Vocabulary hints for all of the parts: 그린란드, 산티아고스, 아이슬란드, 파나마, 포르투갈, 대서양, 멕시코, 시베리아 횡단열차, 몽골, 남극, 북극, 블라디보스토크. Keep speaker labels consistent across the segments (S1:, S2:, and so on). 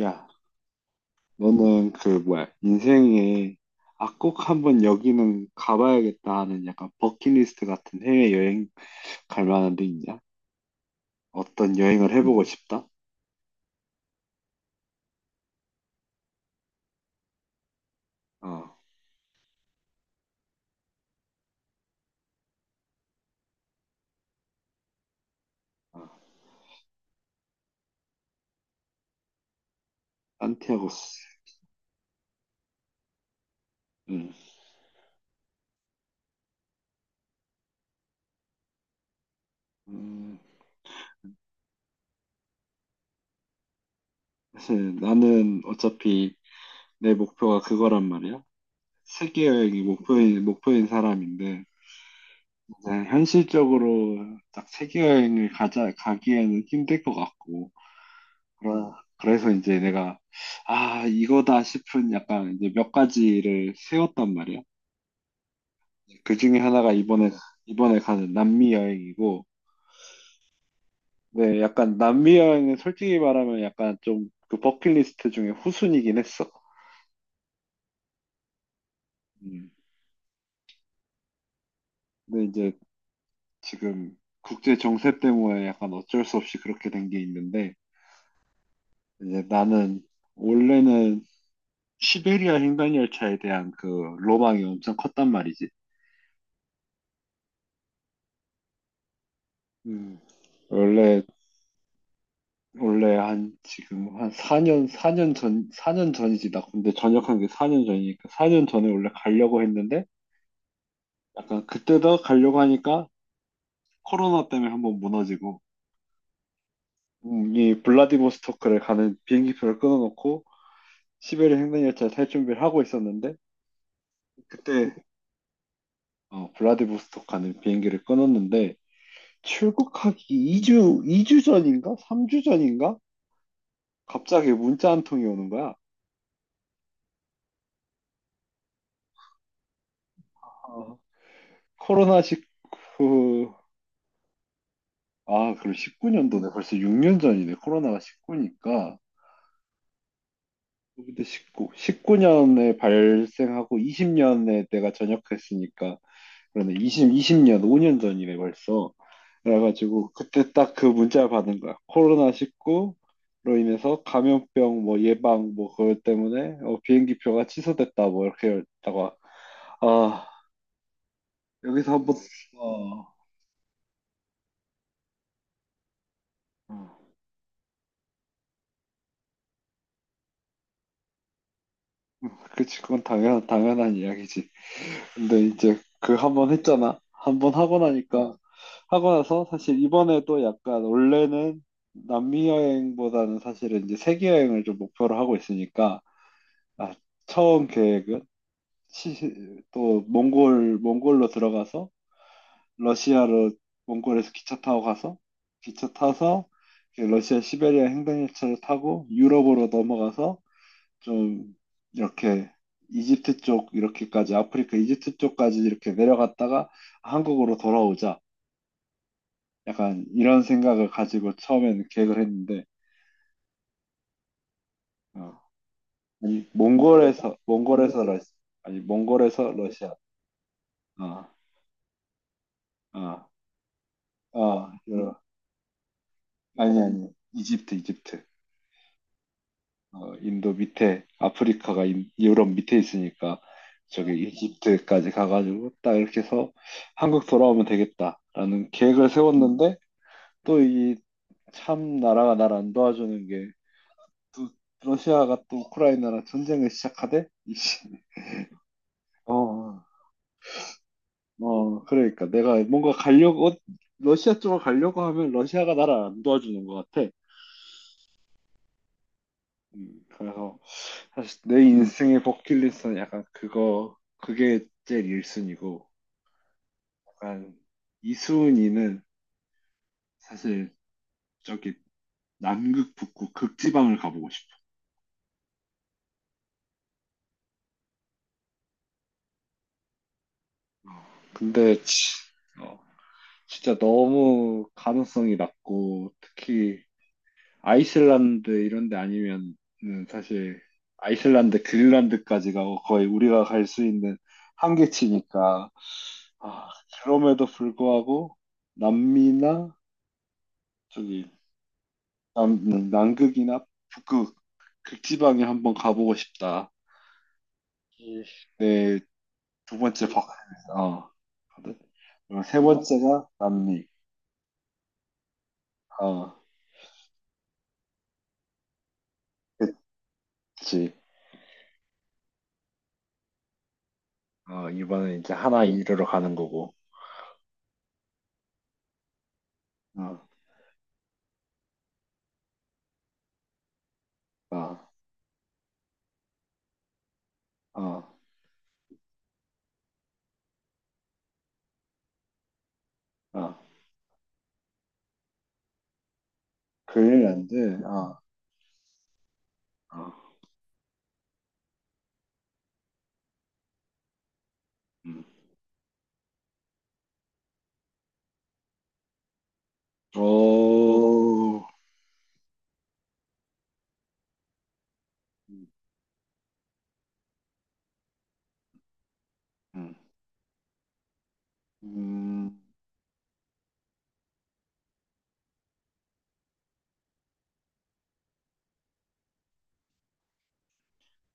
S1: 야, 너는 그 뭐야 인생에 아 꼭 한번 여기는 가봐야겠다 하는 약간 버킷리스트 같은 해외 여행 갈 만한 데 있냐? 어떤 여행을 해보고 싶다? 어, 어, 산티아고스. 음, 음, 사실 나는 어차피 내 목표가 그거란 말이야. 세계 여행이 목표인 사람인데, 이제 현실적으로 딱 세계 여행을 가자 가기에는 힘들 것 같고. 그러- 그래서 이제 내가, 아, 이거다 싶은 약간 이제 몇 가지를 세웠단 말이야. 그 중에 하나가 이번에, 이번에 가는 남미 여행이고, 네, 약간 남미 여행은 솔직히 말하면 약간 좀 그 버킷리스트 중에 후순이긴 했어. 음. 근데 이제 지금 국제 정세 때문에 약간 어쩔 수 없이 그렇게 된 게 있는데, 이제 나는 원래는 시베리아 횡단열차에 대한 그 로망이 엄청 컸단 말이지. 음. 원래 원래 한 지금 한 4년 사 년 전 사 년 전이지 나. 근데 전역한 게 4년 전이니까 4년 전에 원래 가려고 했는데, 약간 그때도 가려고 하니까 코로나 때문에 한번 무너지고, 이 블라디보스토크를 가는 비행기표를 끊어놓고 시베리아 횡단열차 탈 준비를 하고 있었는데, 그때 어, 블라디보스토크 가는 비행기를 끊었는데, 출국하기 2주 이 주 전인가 3주 전인가 갑자기 문자 한 통이 오는 거야. 어, 코로나 19. 아, 그럼 19년도네. 벌써 6년 전이네. 코로나가 19니까. 그때 19, 19년에 발생하고 20년에 내가 전역했으니까. 그러네. 20, 20년, 5년 전이네, 벌써. 그래가지고, 그때 딱 그 문자를 받은 거야. 코로나19로 인해서 감염병 뭐 예방 뭐 그것 때문에 어, 비행기 표가 취소됐다 뭐 이렇게 했다가, 아, 여기서 한번, 어, 그치, 그건 당연한 이야기지. 근데 이제 그 한 번 했잖아. 한 번 하고 나니까, 어, 하고 나서 사실 이번에 또 약간 원래는 남미 여행보다는 사실은 이제 세계 여행을 좀 목표로 하고 있으니까, 아, 처음 계획은 또 몽골로 들어가서 러시아로, 몽골에서 기차 타고 가서 기차 타서 이렇게 러시아 시베리아 횡단열차를 타고 유럽으로 넘어가서 좀 이렇게 이집트 쪽 이렇게까지 아프리카 이집트 쪽까지 이렇게 내려갔다가 한국으로 돌아오자 약간 이런 생각을 가지고 처음에는 계획을 했는데, 어, 아니 몽골에서 러시 아니 몽골에서 러시아, 어어어, 아니 아니 이집트, 어 인도 밑에 아프리카가 유럽 밑에 있으니까 저기 이집트까지 가가지고 딱 이렇게 해서 한국 돌아오면 되겠다라는 계획을 세웠는데, 또 이 참 나라가 나를 안 도와주는 게, 또 러시아가 또 우크라이나랑 전쟁을 시작하대? 이씨. 어, 어, 그러니까 내가 뭔가 가려고 어, 러시아 쪽으로 가려고 하면 러시아가 나를 안 도와주는 것 같아. 그래서 사실 내 인생의 버킷리스트는 약간 그거 그게 제일 1순위고, 약간 2순위는 사실 저기 남극 북극 극지방을 가보고 싶어. 근데 치, 어, 진짜 너무 가능성이 낮고, 특히 아이슬란드 이런 데 아니면 사실 아이슬란드, 그린란드까지가 거의 우리가 갈 수 있는 한계치니까. 아, 그럼에도 불구하고 남미나 저기 남, 남극이나 북극 극지방에 한번 가보고 싶다. 이 네, 두 번째. 어. 그리고 세 번째가 남미. 어, 그치. 어, 이번엔 이제 하나 이르러 가는 거고. 어, 어, 어, 어. 그린란드. 어, 어, 음. 오, 음, 음, 음.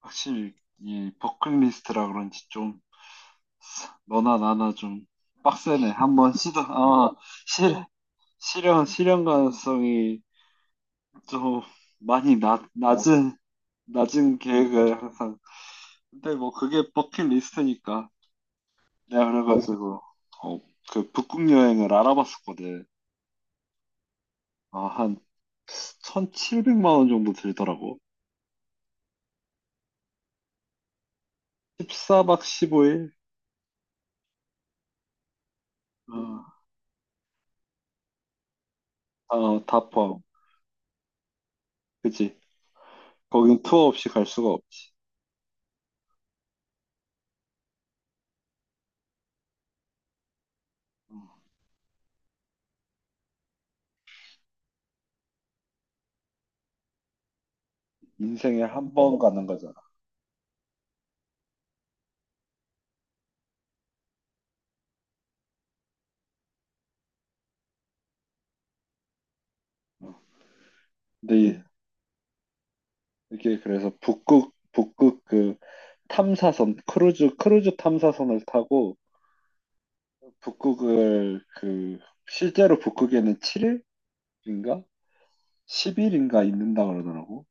S1: 확실히 이 버킷리스트라 그런지 좀 너나 나나 좀 빡세네. 한번 실, 실현 가능성이 좀 많이 낮은 계획을 항상. 근데 뭐 그게 버킷리스트니까. 내가 그래가지고 어, 그 북극 여행을 알아봤었거든. 아, 한 1,700만 원 정도 들더라고. 14박 15일? 어, 어, 다 포함. 그치? 거긴 투어 없이 갈 수가 없지. 인생에 한 번 가는 거잖아. 근데 이게 그래서 북극, 북극 그 탐사선, 크루즈 탐사선을 타고 북극을 그 실제로 북극에는 7일인가? 10일인가 있는다 그러더라고.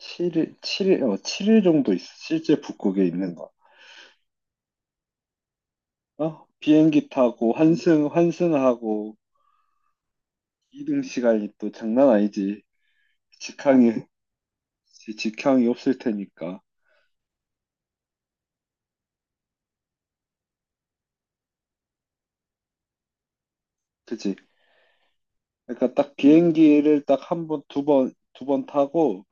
S1: 7일, 칠일 어, 칠일 정도 실제 북극에 있는 거. 어? 비행기 타고 환승하고. 이동 시간이 또 장난 아니지. 직항이, 직항이 없을 테니까. 그치? 그러니까 딱 비행기를 딱 한 번, 두 번, 타고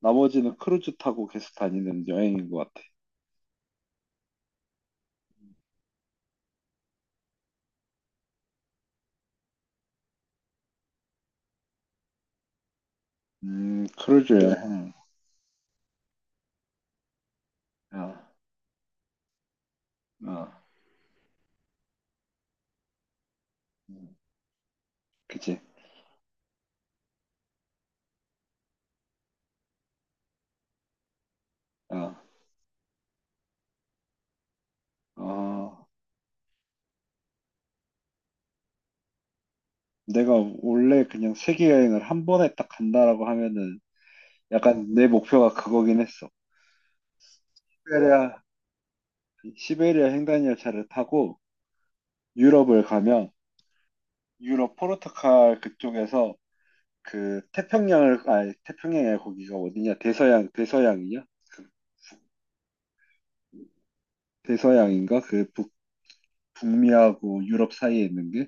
S1: 나머지는 크루즈 타고 계속 다니는 여행인 것 같아. 크루즈 여행. 아, 아, 음, 그치? 아, 아. 내가 원래 그냥 세계 여행을 한 번에 딱 간다라고 하면은 약간 내 목표가 그거긴 했어. 시베리아, 시베리아 횡단열차를 타고 유럽을 가면 유럽 포르투갈 그쪽에서 그 태평양을, 아니 태평양이 거기가 어디냐? 대서양이냐? 그 대서양인가? 그 북, 북미하고 유럽 사이에 있는 게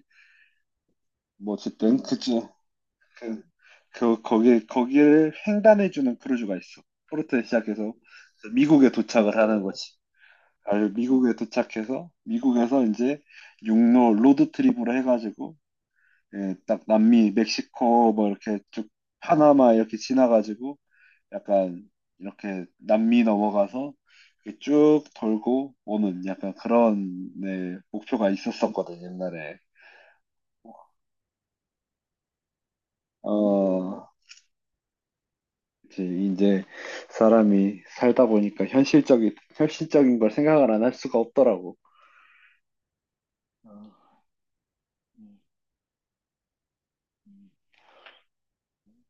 S1: 뭐어쨌든 그중, 그, 그 거기를 횡단해주는 크루즈가 있어. 포르투에 시작해서 미국에 도착을 하는 거지. 아 미국에 도착해서 미국에서 이제 육로 로드트립으로 해가지고 예, 딱 남미 멕시코 뭐 이렇게 쭉 파나마 이렇게 지나가지고 약간 이렇게 남미 넘어가서 이렇게 쭉 돌고 오는 약간 그런 네, 목표가 있었었거든 옛날에. 어, 이제 사람이 살다 보니까 현실적인 걸 생각을 안 할 수가 없더라고. 어, 음, 음.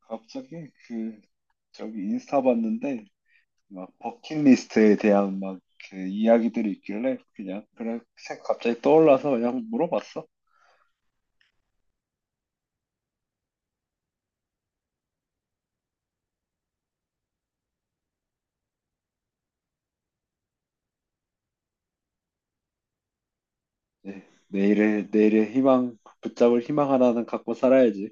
S1: 갑자기 그 저기 인스타 봤는데 막 버킷리스트에 대한 막 그 이야기들이 있길래 그냥 그래 갑자기 떠올라서 그냥 물어봤어. 네, 내일의 희망, 붙잡을 희망 하나는 갖고 살아야지.